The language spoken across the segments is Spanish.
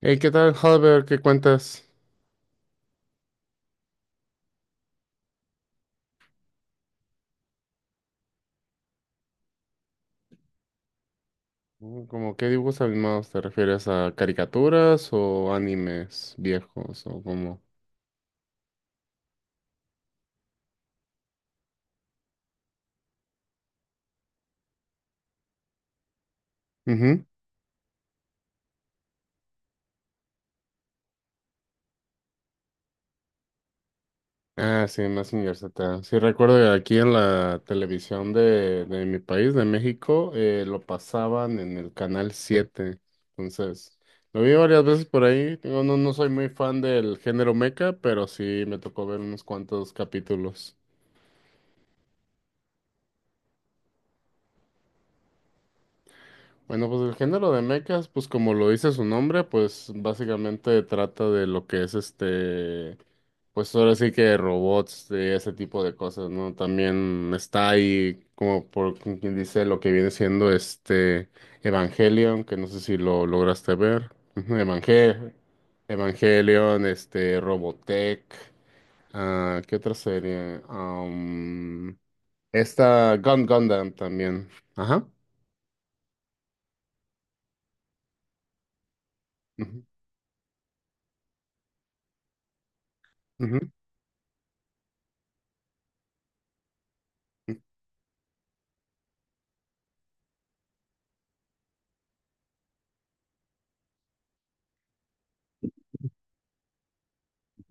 Hey, ¿qué tal, Halber? ¿Qué cuentas? Mm, ¿cómo qué dibujos animados? Te refieres a caricaturas o animes viejos, ¿o cómo? Ujú. Ah, sí, Mazinger Z. Sí, recuerdo que aquí en la televisión de mi país, de México, lo pasaban en el canal 7. Entonces, lo vi varias veces por ahí. Digo, no soy muy fan del género mecha, pero sí me tocó ver unos cuantos capítulos. Bueno, pues el género de mechas, pues como lo dice su nombre, pues básicamente trata de lo que es este, pues ahora sí que robots, de ese tipo de cosas, ¿no? También está ahí, como por quien dice, lo que viene siendo este Evangelion, que no sé si lo lograste ver. Ujú, Evangelion, este, Robotech, ah, ¿qué otra serie? Am, esta Gun Gundam también. Ajá. Ujú,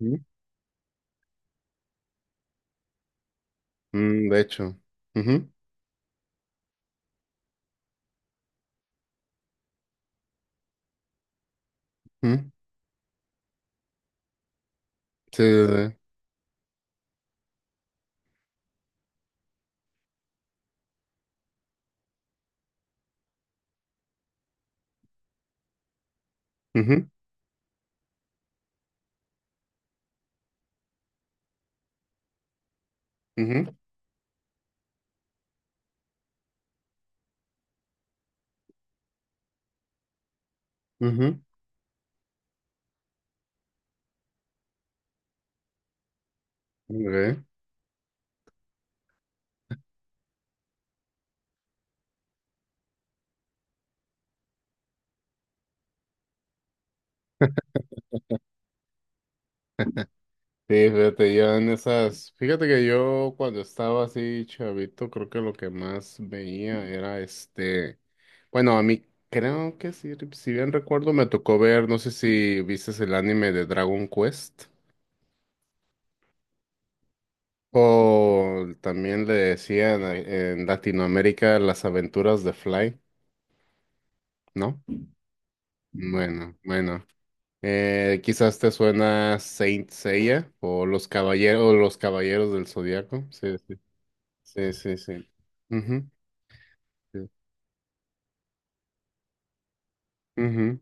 ujú. Mm, de hecho. Ujú, ujú. Sí, sí, sí. Ujú, ujú, ujú. Ok. Sí, fíjate, yo en esas. Fíjate que yo cuando estaba así chavito, creo que lo que más veía era este. Bueno, a mí creo que sí, si bien recuerdo, me tocó ver, no sé si viste el anime de Dragon Quest. O también le decían en Latinoamérica las aventuras de Fly, ¿no? Bueno, bueno. Quizás te suena Saint Seiya o los caballeros del Zodiaco. Sí, sí, sí, sí, sí. Ujú, sí. Ujú,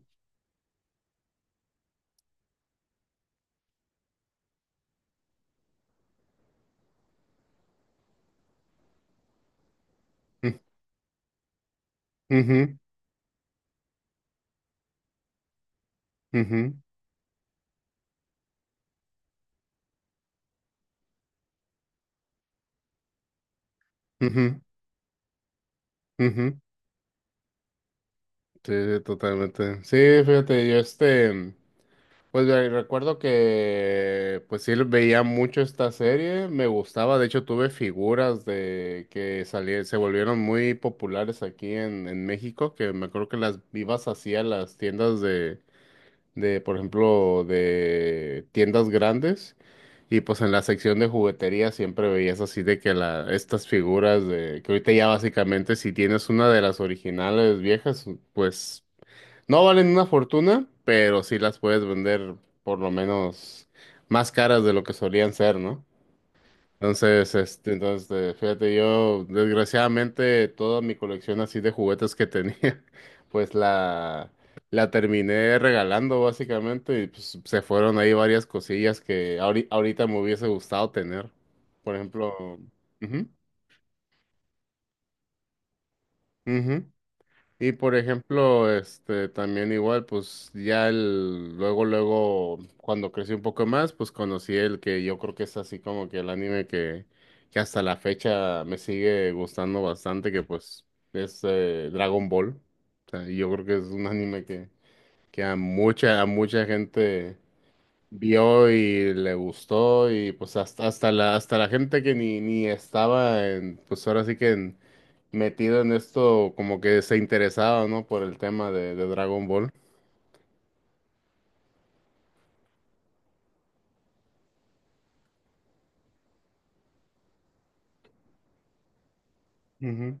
ujú, ujú, ujú, ujú. Ujú. Sí, sí, totalmente. Sí, fíjate, yo este, recuerdo que pues sí veía mucho esta serie, me gustaba. De hecho, tuve figuras de que salían, se volvieron muy populares aquí en México, que me acuerdo que las vivas hacía las tiendas de por ejemplo, de tiendas grandes. Y pues en la sección de juguetería siempre veías así de que la, estas figuras de, que ahorita ya básicamente si tienes una de las originales viejas, pues no valen una fortuna, pero sí las puedes vender por lo menos más caras de lo que solían ser, ¿no? Entonces, este, entonces, fíjate, yo desgraciadamente toda mi colección así de juguetes que tenía, pues la terminé regalando básicamente y pues se fueron ahí varias cosillas que ahorita me hubiese gustado tener. Por ejemplo, ujú, ujú. Y por ejemplo, este también igual, pues ya el, luego, luego, cuando crecí un poco más, pues conocí el que yo creo que es así como que el anime que hasta la fecha me sigue gustando bastante, que pues es Dragon Ball. O sea, yo creo que es un anime que a mucha gente vio y le gustó, y pues hasta, hasta la gente que ni estaba en, pues ahora sí que en metido en esto, como que se interesaba, ¿no? Por el tema de Dragon Ball. Ujú,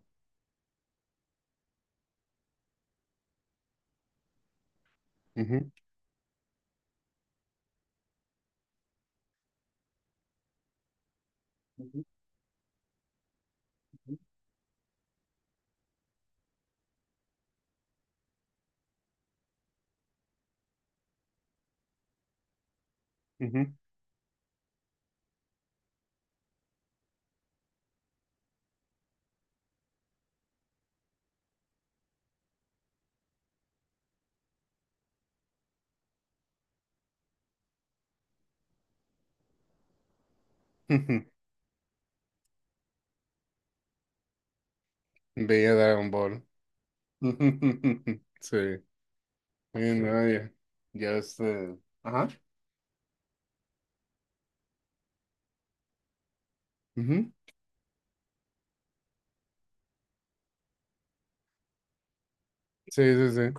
ujú, ujú, ujú. Ujú. Veía Dragon Ball. Sí. Y no, ya, ya este. Ajá. Ujú. Sí, sí, sí.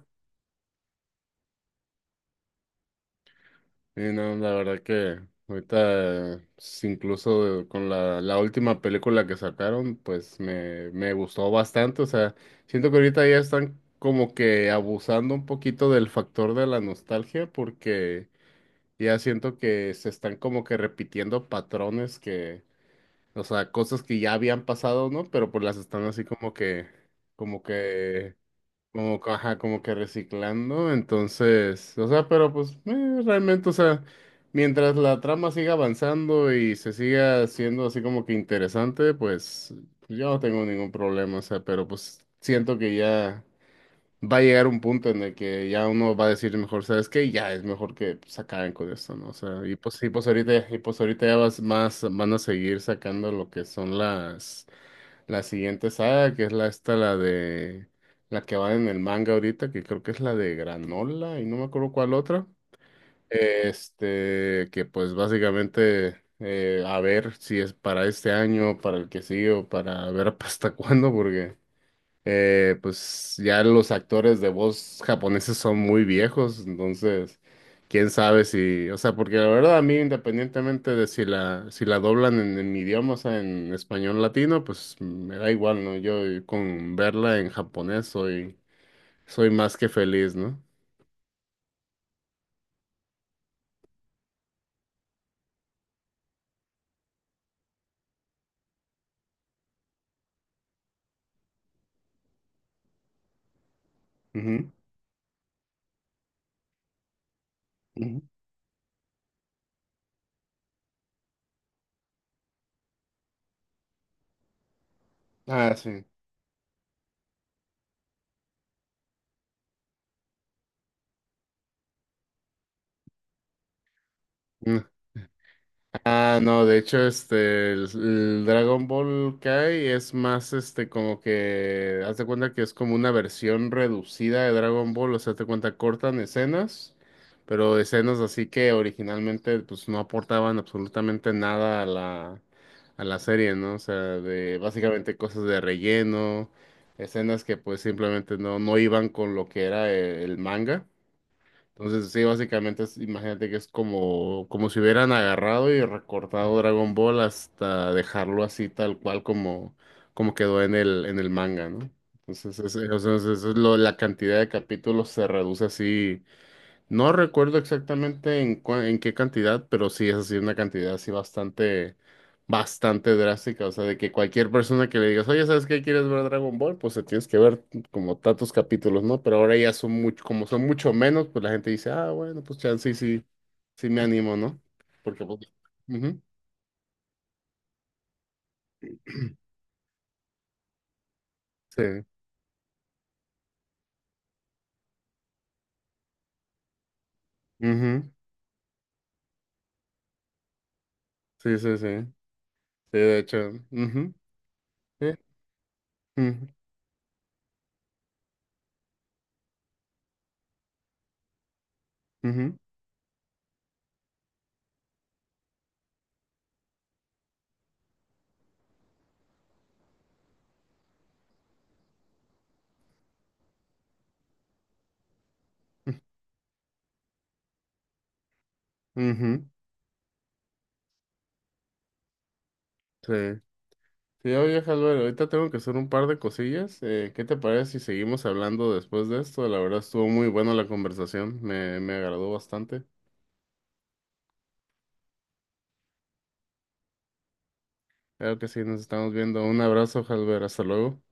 Y no, la verdad que ahorita, incluso con la última película que sacaron, pues me gustó bastante. O sea, siento que ahorita ya están como que abusando un poquito del factor de la nostalgia porque ya siento que se están como que repitiendo patrones que, o sea, cosas que ya habían pasado, ¿no? Pero pues las están así como que, como que reciclando. Entonces, o sea, pero pues realmente, o sea, mientras la trama siga avanzando y se siga siendo así como que interesante, pues yo no tengo ningún problema, o sea, pero pues siento que ya va a llegar un punto en el que ya uno va a decir mejor, ¿sabes qué? Ya es mejor que pues acaben con esto, ¿no? O sea, y pues ahorita ya vas más, van a seguir sacando lo que son la siguiente saga, que es la esta, la la que va en el manga ahorita, que creo que es la de Granola, y no me acuerdo cuál otra. Este, que pues básicamente a ver si es para este año, para el que sigue o para ver hasta cuándo, porque pues ya los actores de voz japoneses son muy viejos, entonces quién sabe si, o sea, porque la verdad a mí independientemente de si la doblan en mi idioma, o sea, en español latino, pues me da igual, ¿no? Yo con verla en japonés soy más que feliz, no. Ujú, ujú. Ah, sí. Ah, no, de hecho, este, el Dragon Ball Kai es más, este, como que haz de cuenta que es como una versión reducida de Dragon Ball, o sea, te cuenta, cortan escenas, pero escenas así que originalmente, pues, no aportaban absolutamente nada a a la serie, ¿no? O sea, de, básicamente cosas de relleno, escenas que, pues, simplemente no iban con lo que era el manga. Entonces, sí, básicamente, imagínate que es como, como si hubieran agarrado y recortado Dragon Ball hasta dejarlo así tal cual como, como quedó en en el manga, ¿no? Entonces, la cantidad de capítulos se reduce así. No recuerdo exactamente en qué cantidad, pero sí es así una cantidad así bastante, bastante drástica. O sea, de que cualquier persona que le digas, oye, ¿sabes qué? ¿Quieres ver Dragon Ball? Pues se tienes que ver como tantos capítulos, ¿no? Pero ahora ya son mucho, como son mucho menos, pues la gente dice, ah, bueno, pues chance, sí, sí, sí me animo, ¿no? Porque pues, ujú, sí, ujú, sí, sí, sí, sí, de hecho, ujú, sí, ujú, ujú, ujú, sí. Sí, oye, Jalber, ahorita tengo que hacer un par de cosillas. ¿Qué te parece si seguimos hablando después de esto? La verdad estuvo muy buena la conversación, me agradó bastante. Claro que sí, nos estamos viendo. Un abrazo, Jalber, hasta luego.